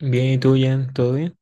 Bien, ¿y tú, Jen? ¿Todo bien?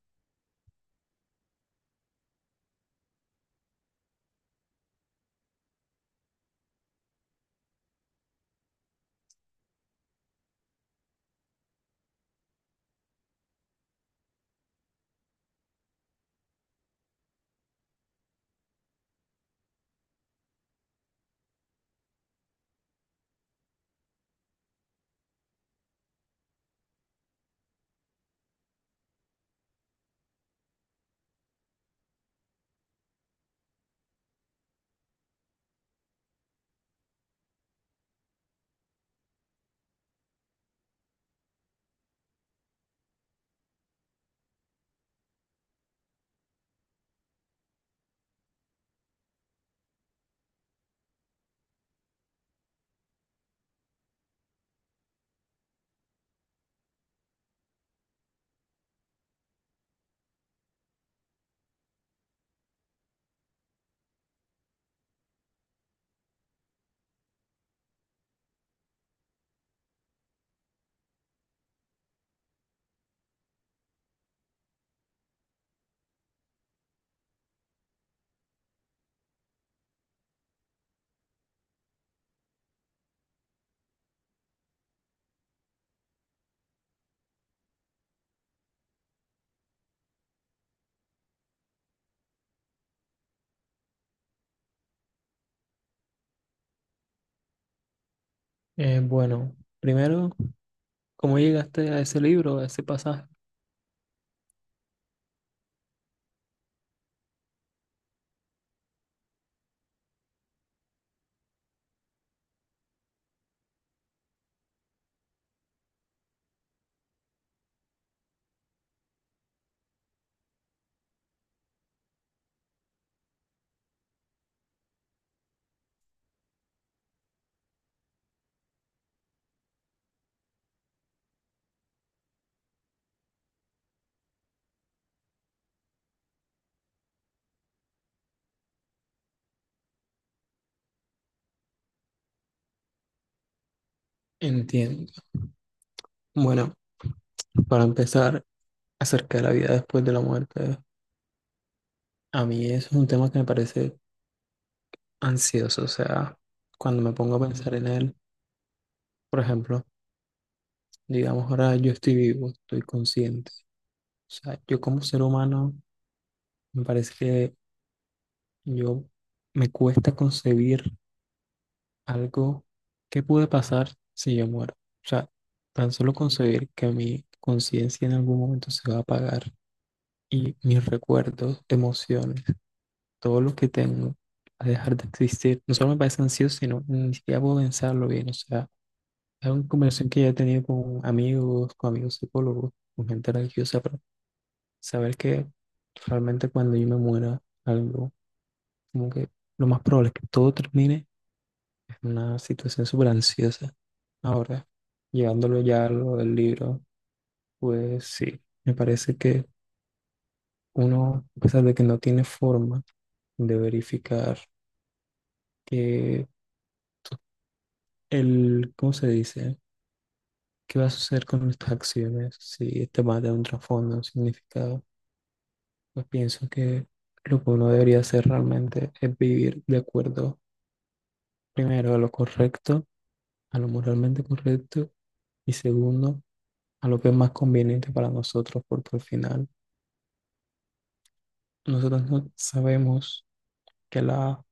Bueno, primero, ¿cómo llegaste a ese libro, a ese pasaje? Entiendo. Bueno, para empezar, acerca de la vida después de la muerte, a mí eso es un tema que me parece ansioso. O sea, cuando me pongo a pensar en él, por ejemplo, digamos ahora yo estoy vivo, estoy consciente. O sea, yo como ser humano, me parece que yo me cuesta concebir algo que puede pasar si yo muero. O sea, tan solo concebir que mi conciencia en algún momento se va a apagar y mis recuerdos, emociones, todo lo que tengo a dejar de existir, no solo me parece ansioso, sino ni siquiera puedo pensarlo bien. O sea, es una conversación que ya he tenido con amigos psicólogos, con gente religiosa, pero saber que realmente cuando yo me muera, algo como que lo más probable es que todo termine es una situación súper ansiosa. Ahora, llevándolo ya a lo del libro, pues sí, me parece que uno, a pesar de que no tiene forma de verificar que el, ¿cómo se dice? ¿Qué va a suceder con nuestras acciones? Si este va a dar un trasfondo, un significado, pues pienso que lo que uno debería hacer realmente es vivir de acuerdo, primero, a lo correcto, a lo moralmente correcto, y segundo, a lo que es más conveniente para nosotros, porque al final nosotros no sabemos que la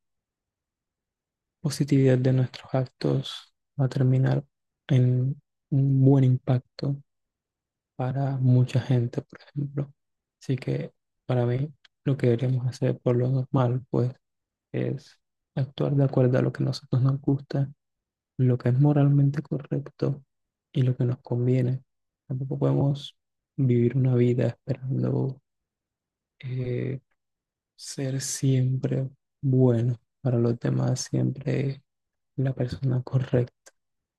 positividad de nuestros actos va a terminar en un buen impacto para mucha gente, por ejemplo. Así que para mí lo que deberíamos hacer por lo normal, pues, es actuar de acuerdo a lo que a nosotros nos gusta, lo que es moralmente correcto y lo que nos conviene. Tampoco podemos vivir una vida esperando eh, ser siempre bueno para los demás, siempre la persona correcta.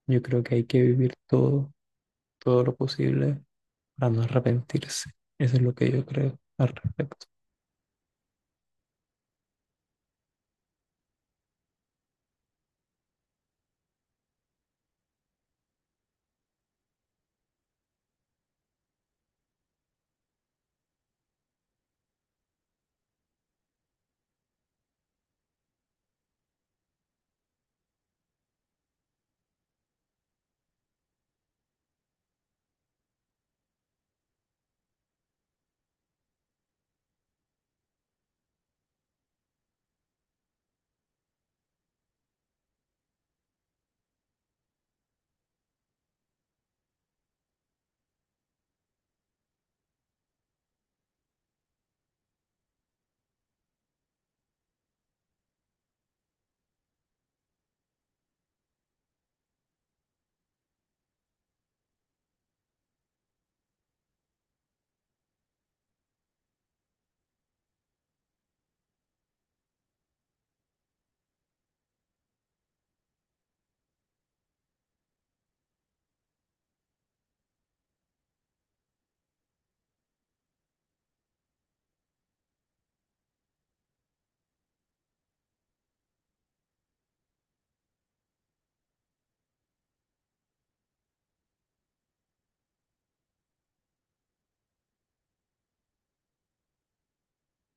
Yo creo que hay que vivir todo lo posible para no arrepentirse. Eso es lo que yo creo al respecto.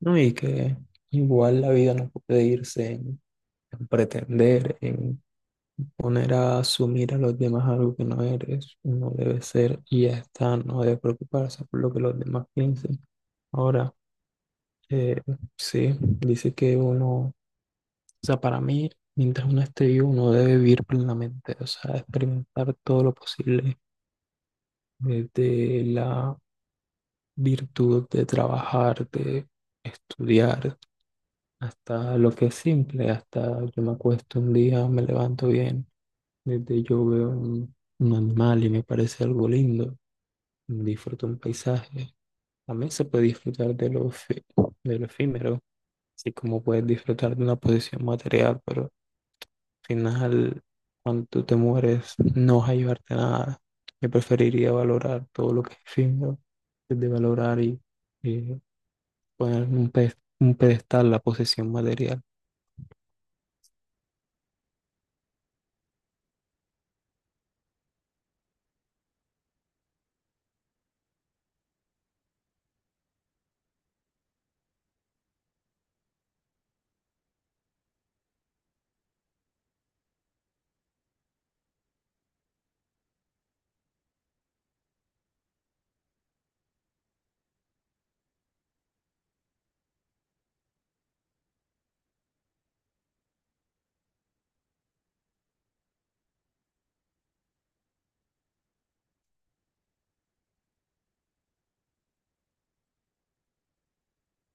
No, y que igual la vida no puede irse en pretender, en poner a asumir a los demás algo que no eres. Uno debe ser y ya está, no debe preocuparse por lo que los demás piensen. Ahora, eh, sí, dice que uno, o sea, para mí, mientras uno esté vivo, uno debe vivir plenamente, o sea, experimentar todo lo posible desde la virtud de trabajar, de estudiar, hasta lo que es simple, hasta yo me acuesto un día, me levanto bien, desde yo veo un animal y me parece algo lindo, disfruto un paisaje. También se puede disfrutar de de lo efímero, así como puedes disfrutar de una posición material, pero al final, cuando tú te mueres, no vas a llevarte nada. Yo preferiría valorar todo lo que es efímero, de valorar y eh, poner en un pedestal la posesión material.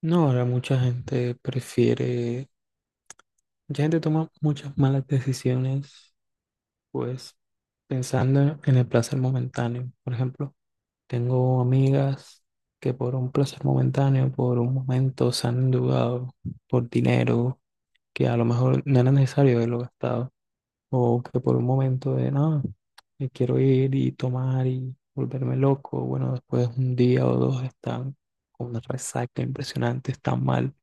No, ahora mucha gente prefiere, mucha gente toma muchas malas decisiones, pues pensando en el placer momentáneo. Por ejemplo, tengo amigas que por un placer momentáneo, por un momento se han endeudado por dinero que a lo mejor no era necesario haberlo gastado. O que por un momento de, no, quiero ir y tomar y volverme loco. Bueno, después un día o dos están con una resaca impresionante, están mal.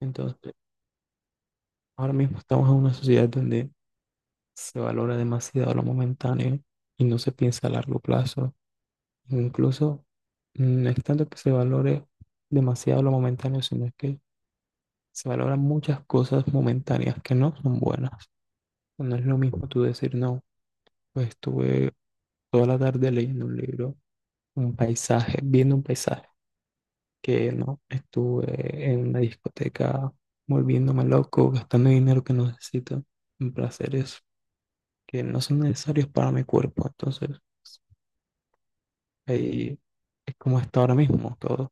Entonces, ahora mismo estamos en una sociedad donde se valora demasiado lo momentáneo y no se piensa a largo plazo. Incluso no es tanto que se valore demasiado lo momentáneo, sino es que se valoran muchas cosas momentáneas que no son buenas. No es lo mismo tú decir, no, pues estuve toda la tarde leyendo un libro un paisaje, viendo un paisaje, que no estuve en una discoteca volviéndome loco, gastando dinero que no necesito, en placeres que no son necesarios para mi cuerpo. Entonces, ahí es como está ahora mismo todo.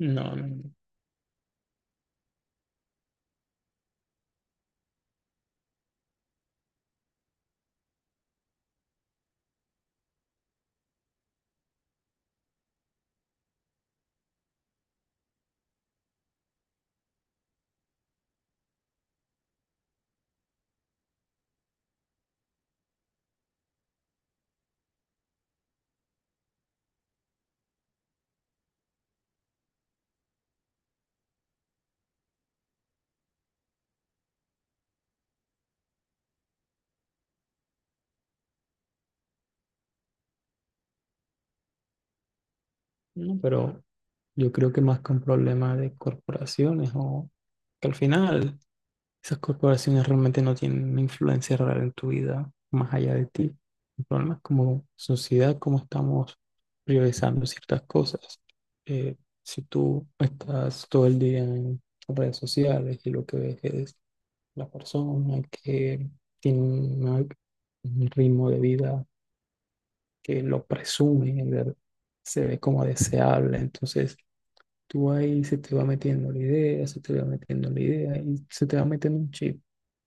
No, no, no, no, pero yo creo que más que un problema de corporaciones o que al final. Esas corporaciones realmente no tienen una influencia real en tu vida más allá de ti. El problema es como sociedad, cómo estamos priorizando ciertas cosas. Eh, si tú estás todo el día en redes sociales y lo que ves es la persona que tiene un ritmo de vida que lo presume, se ve como deseable, entonces tú ahí se te va metiendo la idea, se te va metiendo la idea y se te va metiendo un chip.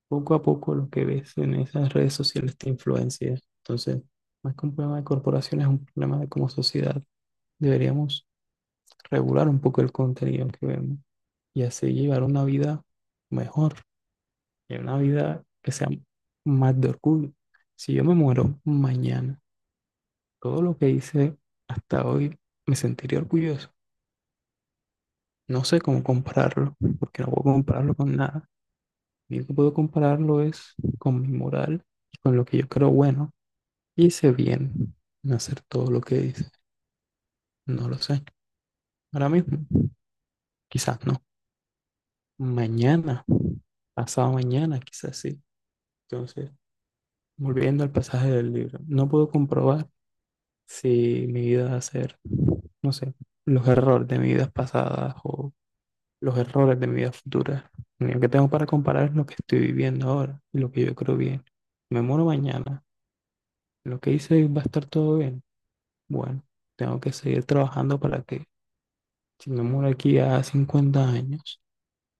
Poco a poco lo que ves en esas redes sociales te influencia. Entonces, más que un problema de corporaciones es un problema de como sociedad. Deberíamos regular un poco el contenido que vemos y así llevar una vida mejor, y una vida que sea más de orgullo. Si yo me muero mañana, todo lo que hice hasta hoy me sentiría orgulloso. No sé cómo compararlo, porque no puedo compararlo con nada. Lo único que puedo compararlo es con mi moral y con lo que yo creo bueno. Hice bien en hacer todo lo que hice. No lo sé. Ahora mismo, quizás no. Mañana, pasado mañana, quizás sí. Entonces, volviendo al pasaje del libro, no puedo comprobar si mi vida va a ser, no sé, los errores de mi vida pasada o los errores de mi vida futura. Lo único que tengo para comparar es lo que estoy viviendo ahora y lo que yo creo bien. Me muero mañana. Lo que hice va a estar todo bien. Bueno, tengo que seguir trabajando para que si me muero aquí a 50 años,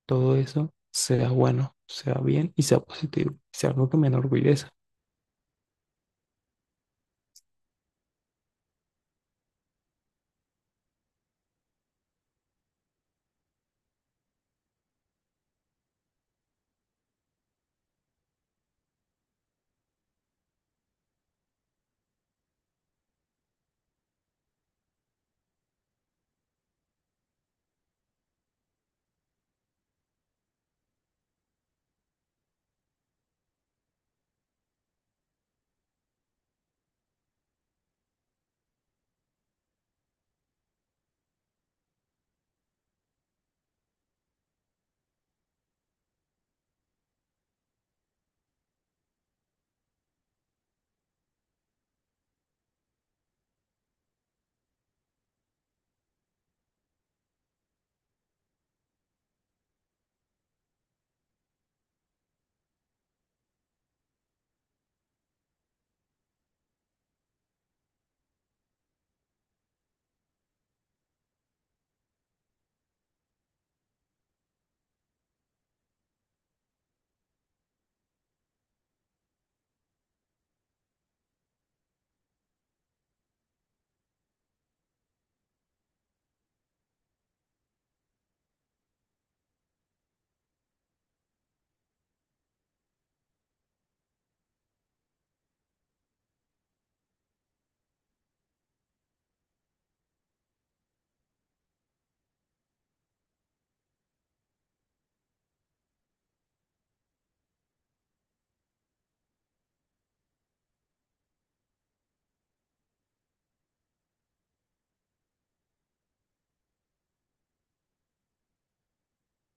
todo eso sea bueno, sea bien y sea positivo, sea algo que me enorgullece.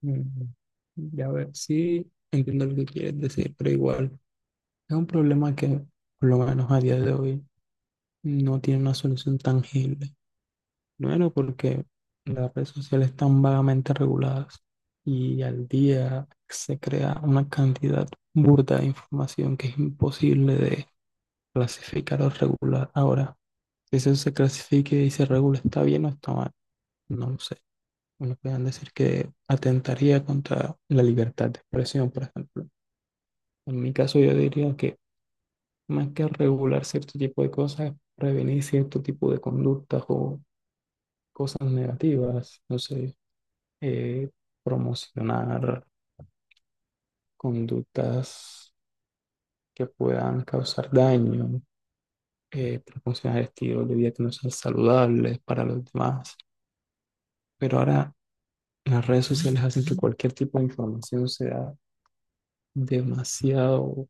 Mm, ya ver, sí, entiendo lo que quieres decir, pero igual es un problema que, por lo menos a día de hoy, no tiene una solución tangible. Bueno, porque las redes sociales están vagamente reguladas y al día se crea una cantidad burda de información que es imposible de clasificar o regular. Ahora, que eso se clasifique y se regule está bien o está mal, no lo sé. Unos pueden decir que atentaría contra la libertad de expresión, por ejemplo. En mi caso yo diría que más que regular cierto tipo de cosas, prevenir cierto tipo de conductas o cosas negativas, no sé, eh, promocionar conductas que puedan causar daño, promocionar estilos de vida que no sean saludables para los demás. Pero ahora las redes sociales hacen que cualquier tipo de información sea demasiado,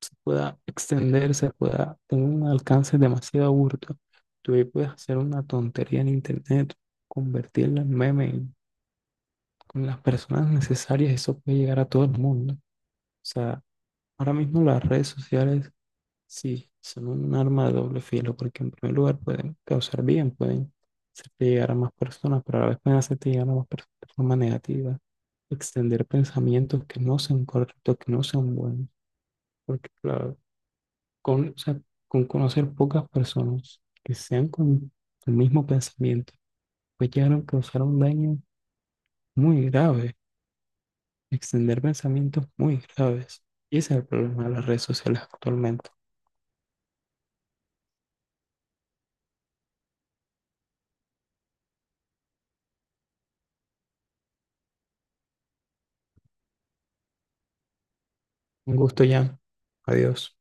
se pueda extender, se pueda tener un alcance demasiado burdo. Tú ahí puedes hacer una tontería en internet, convertirla en meme con las personas necesarias, eso puede llegar a todo el mundo. O sea, ahora mismo las redes sociales sí son un arma de doble filo, porque en primer lugar pueden causar bien, pueden hacerte llegar a más personas, pero a la vez pueden hacerte llegar a más personas de forma negativa extender pensamientos que no sean correctos, que no sean buenos, porque claro, o sea, con conocer pocas personas que sean con el mismo pensamiento, pues llegaron a causar un daño muy grave, extender pensamientos muy graves. Y ese es el problema de las redes sociales actualmente. Un gusto, ya. Adiós.